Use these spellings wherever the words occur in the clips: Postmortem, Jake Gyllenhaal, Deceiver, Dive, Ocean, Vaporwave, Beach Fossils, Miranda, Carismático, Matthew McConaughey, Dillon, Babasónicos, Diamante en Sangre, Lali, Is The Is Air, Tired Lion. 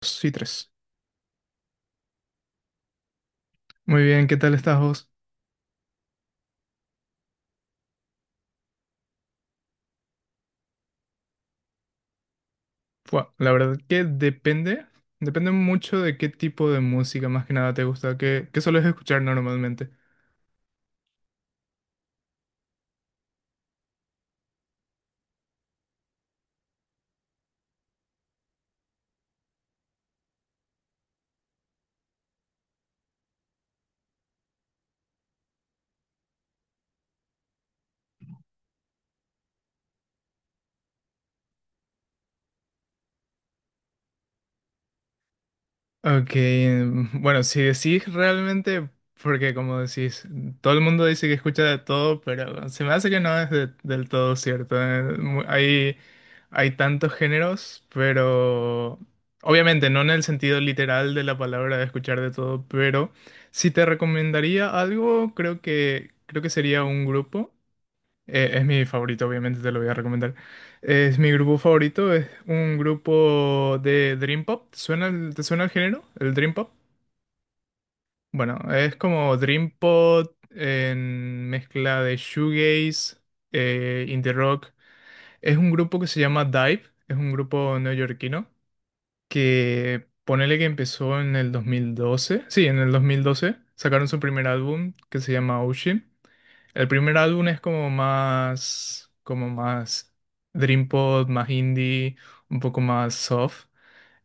Sí, tres. Muy bien, ¿qué tal estás vos? Fua, la verdad que depende, depende mucho de qué tipo de música más que nada te gusta, qué sueles escuchar normalmente. Ok, mm, bueno, si decís realmente, porque como decís, todo el mundo dice que escucha de todo, pero se me hace que no es del todo cierto. Hay, hay tantos géneros, pero obviamente no en el sentido literal de la palabra de escuchar de todo, pero si te recomendaría algo, creo que sería un grupo. Es mi favorito, obviamente te lo voy a recomendar. Es mi grupo favorito, es un grupo de Dream Pop. ¿Te suena el género? ¿El Dream Pop? Bueno, es como Dream Pop en mezcla de shoegaze, indie rock. Es un grupo que se llama Dive, es un grupo neoyorquino que ponele que empezó en el 2012. Sí, en el 2012 sacaron su primer álbum que se llama Ocean. El primer álbum es como más dream pop, más indie, un poco más soft.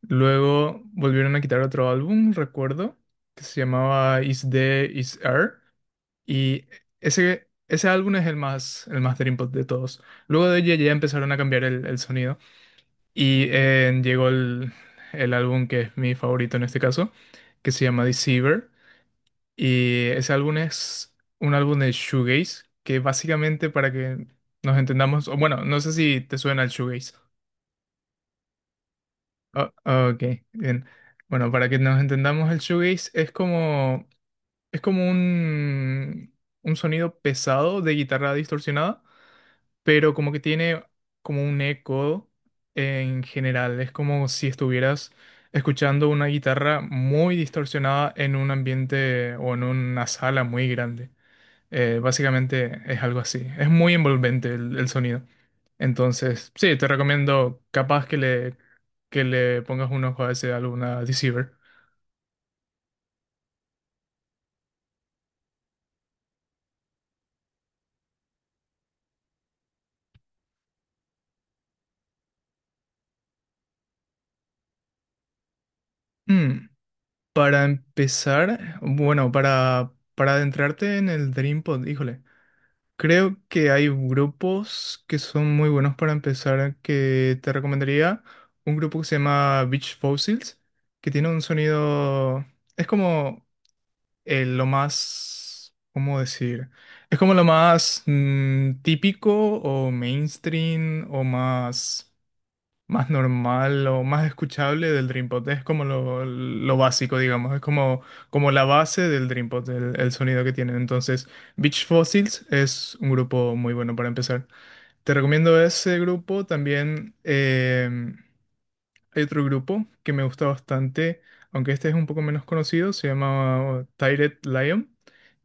Luego volvieron a quitar otro álbum, recuerdo, que se llamaba Is The Is Air y ese álbum es el más dream pop de todos. Luego de ello ya empezaron a cambiar el sonido y llegó el álbum que es mi favorito en este caso, que se llama Deceiver y ese álbum es un álbum de shoegaze, que básicamente para que nos entendamos, o bueno, no sé si te suena el shoegaze. Ah, ok, bien. Bueno, para que nos entendamos, el shoegaze es como un sonido pesado de guitarra distorsionada, pero como que tiene como un eco en general. Es como si estuvieras escuchando una guitarra muy distorsionada en un ambiente o en una sala muy grande. Básicamente es algo así. Es muy envolvente el sonido. Entonces, sí, te recomiendo que le pongas un ojo a ese álbum, a Deceiver. Mm, para empezar, bueno, para adentrarte en el Dreampod, híjole, creo que hay grupos que son muy buenos para empezar, que te recomendaría un grupo que se llama Beach Fossils, que tiene un sonido, es como lo más, ¿cómo decir? Es como lo más típico o mainstream o más, más normal o más escuchable del Dreampod. Es como lo básico, digamos. Es como, como la base del Dreampod, el sonido que tienen. Entonces, Beach Fossils es un grupo muy bueno para empezar. Te recomiendo ese grupo. También hay otro grupo que me gusta bastante, aunque este es un poco menos conocido, se llama Tired Lion,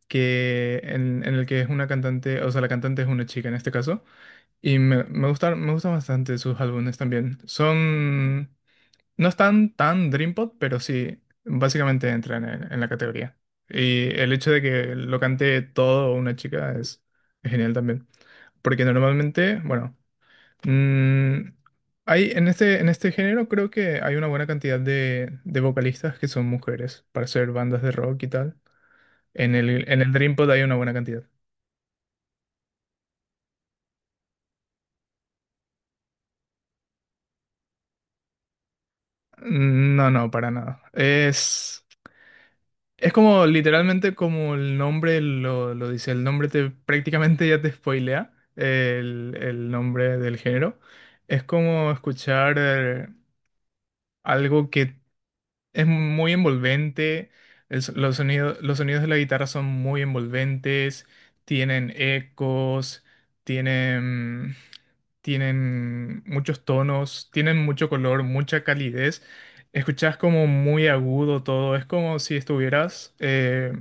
que en el que es una cantante, o sea, la cantante es una chica en este caso, y me gustan bastante sus álbumes también. Son, no están tan Dream Pop, pero sí, básicamente entran en la categoría. Y el hecho de que lo cante todo una chica es genial también. Porque normalmente, bueno, Mm, hay, en este género creo que hay una buena cantidad de vocalistas que son mujeres para hacer bandas de rock y tal. En el Dreampod hay una buena cantidad. No, no, para nada. Es como literalmente como el nombre lo dice. El nombre te prácticamente ya te spoilea el nombre del género. Es como escuchar algo que. Es muy envolvente, los sonidos de la guitarra son muy envolventes, tienen ecos, tienen, tienen muchos tonos, tienen mucho color, mucha calidez. Escuchas como muy agudo todo, es como si estuvieras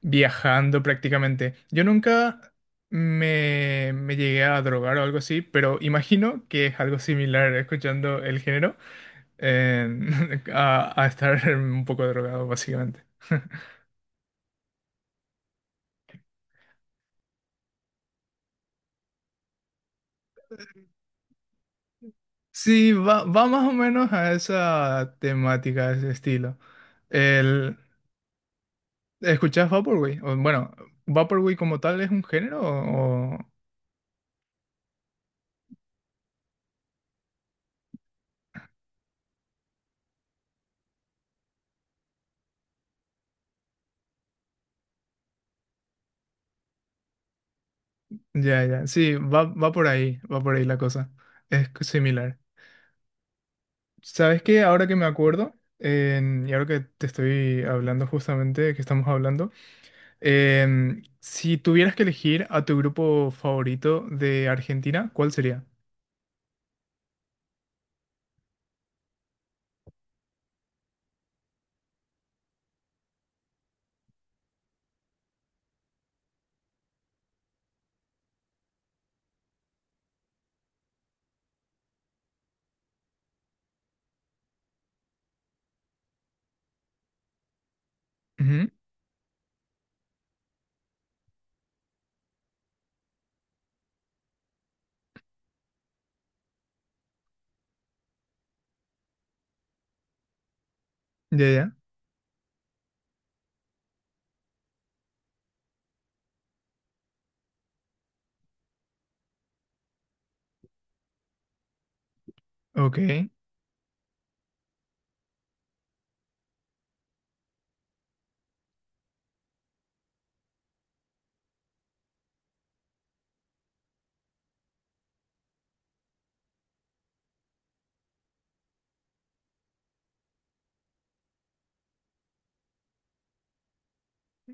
viajando prácticamente. Yo nunca me llegué a drogar o algo así, pero imagino que es algo similar escuchando el género a estar un poco drogado, básicamente. Sí, va, va más o menos a esa temática, a ese estilo. El, ¿escuchás Vaporwave? O, bueno, ¿Vaporwave como tal es un género o...? O- Ya, ya, sí, va, va por ahí la cosa. Es similar. ¿Sabes qué? Ahora que me acuerdo, y ahora que te estoy hablando justamente, que estamos hablando, si tuvieras que elegir a tu grupo favorito de Argentina, ¿cuál sería? Ujú. Ya, ya. Ok,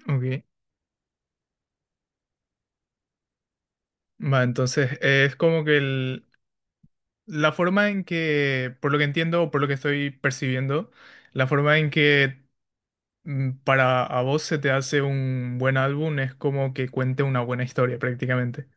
ok. Va, entonces es como que la forma en que, por lo que entiendo o por lo que estoy percibiendo, la forma en que para a vos se te hace un buen álbum es como que cuente una buena historia prácticamente.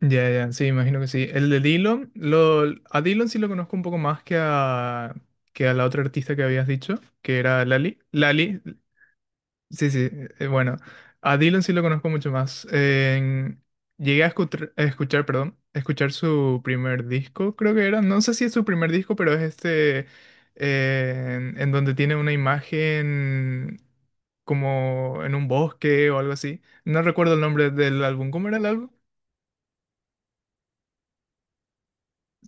Ya, ya, sí, imagino que sí. El de Dillon, lo, a Dillon sí lo conozco un poco más que a la otra artista que habías dicho, que era Lali. Lali, sí, sí, bueno, a Dillon sí lo conozco mucho más. Llegué a escuchar, perdón, a escuchar su primer disco, creo que era, no sé si es su primer disco, pero es este, en donde tiene una imagen como en un bosque o algo así. No recuerdo el nombre del álbum, ¿cómo era el álbum?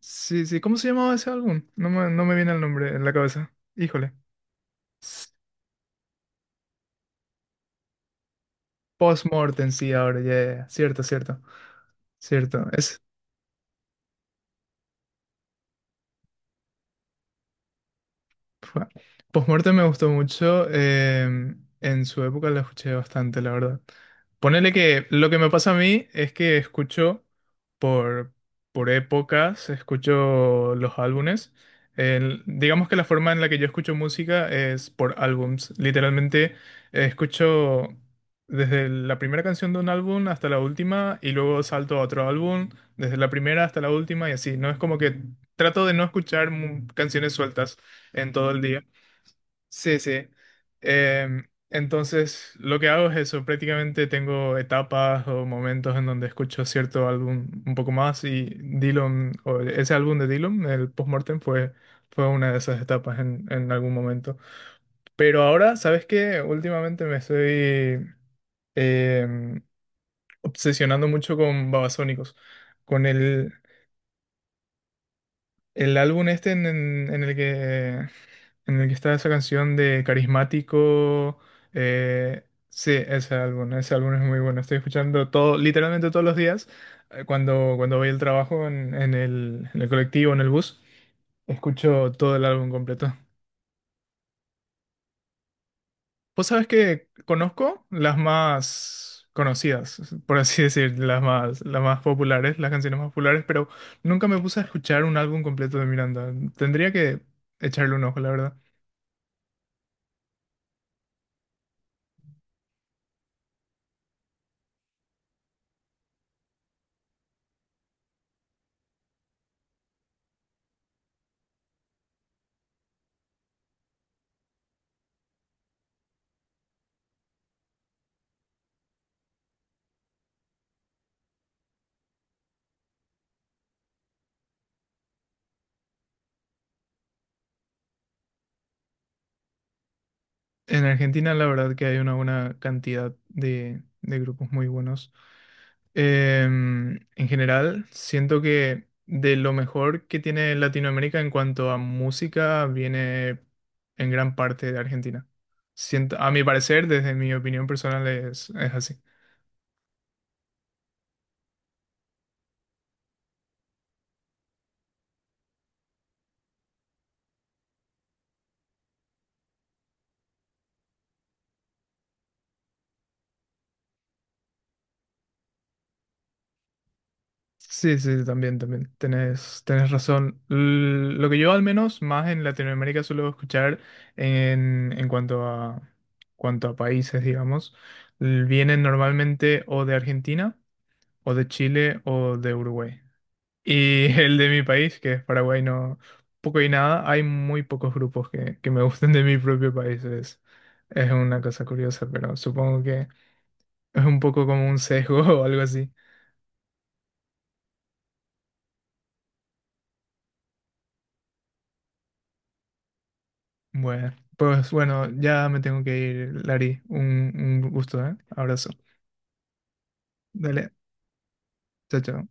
Sí, sí, ¿cómo se llamaba ese álbum? No me viene el nombre en la cabeza. Híjole. S- Postmortem, sí, ahora, ya, ya, ya. Cierto, cierto. Cierto. Fua. Postmortem me gustó mucho. En su época la escuché bastante, la verdad. Ponele que lo que me pasa a mí es que escucho por, por épocas, escucho los álbumes. Digamos que la forma en la que yo escucho música es por álbums. Literalmente escucho desde la primera canción de un álbum hasta la última y luego salto a otro álbum, desde la primera hasta la última y así. No es como que trato de no escuchar canciones sueltas en todo el día. Sí, sí. Entonces, lo que hago es eso. Prácticamente tengo etapas o momentos en donde escucho cierto álbum un poco más y Dylan, o ese álbum de Dylan, el Postmortem, fue, fue una de esas etapas en algún momento. Pero ahora, ¿sabes qué? Últimamente me estoy em, obsesionando mucho con Babasónicos, con el álbum este en el que, en el que está esa canción de Carismático. Sí, ese álbum es muy bueno. Estoy escuchando todo, literalmente todos los días, cuando voy al trabajo en el colectivo, en el bus, escucho todo el álbum completo. Vos sabés que conozco las más conocidas, por así decir, las más populares, las canciones más populares, pero nunca me puse a escuchar un álbum completo de Miranda. Tendría que echarle un ojo, la verdad. En Argentina la verdad que hay una buena cantidad de grupos muy buenos. En general, siento que de lo mejor que tiene Latinoamérica en cuanto a música viene en gran parte de Argentina. Siento, a mi parecer, desde mi opinión personal, es así. Sí, sí, sí, también, también. Tenés, tenés razón. Lo que yo al menos más en Latinoamérica suelo escuchar en cuanto a, cuanto a países, digamos, vienen normalmente o de Argentina, o de Chile, o de Uruguay. Y el de mi país, que es Paraguay, no, poco y nada, hay muy pocos grupos que me gusten de mi propio país. Es una cosa curiosa, pero supongo que es un poco como un sesgo o algo así. Bueno, pues bueno, ya me tengo que ir, Lari. Un gusto, ¿eh? Abrazo. Dale, chao, chao.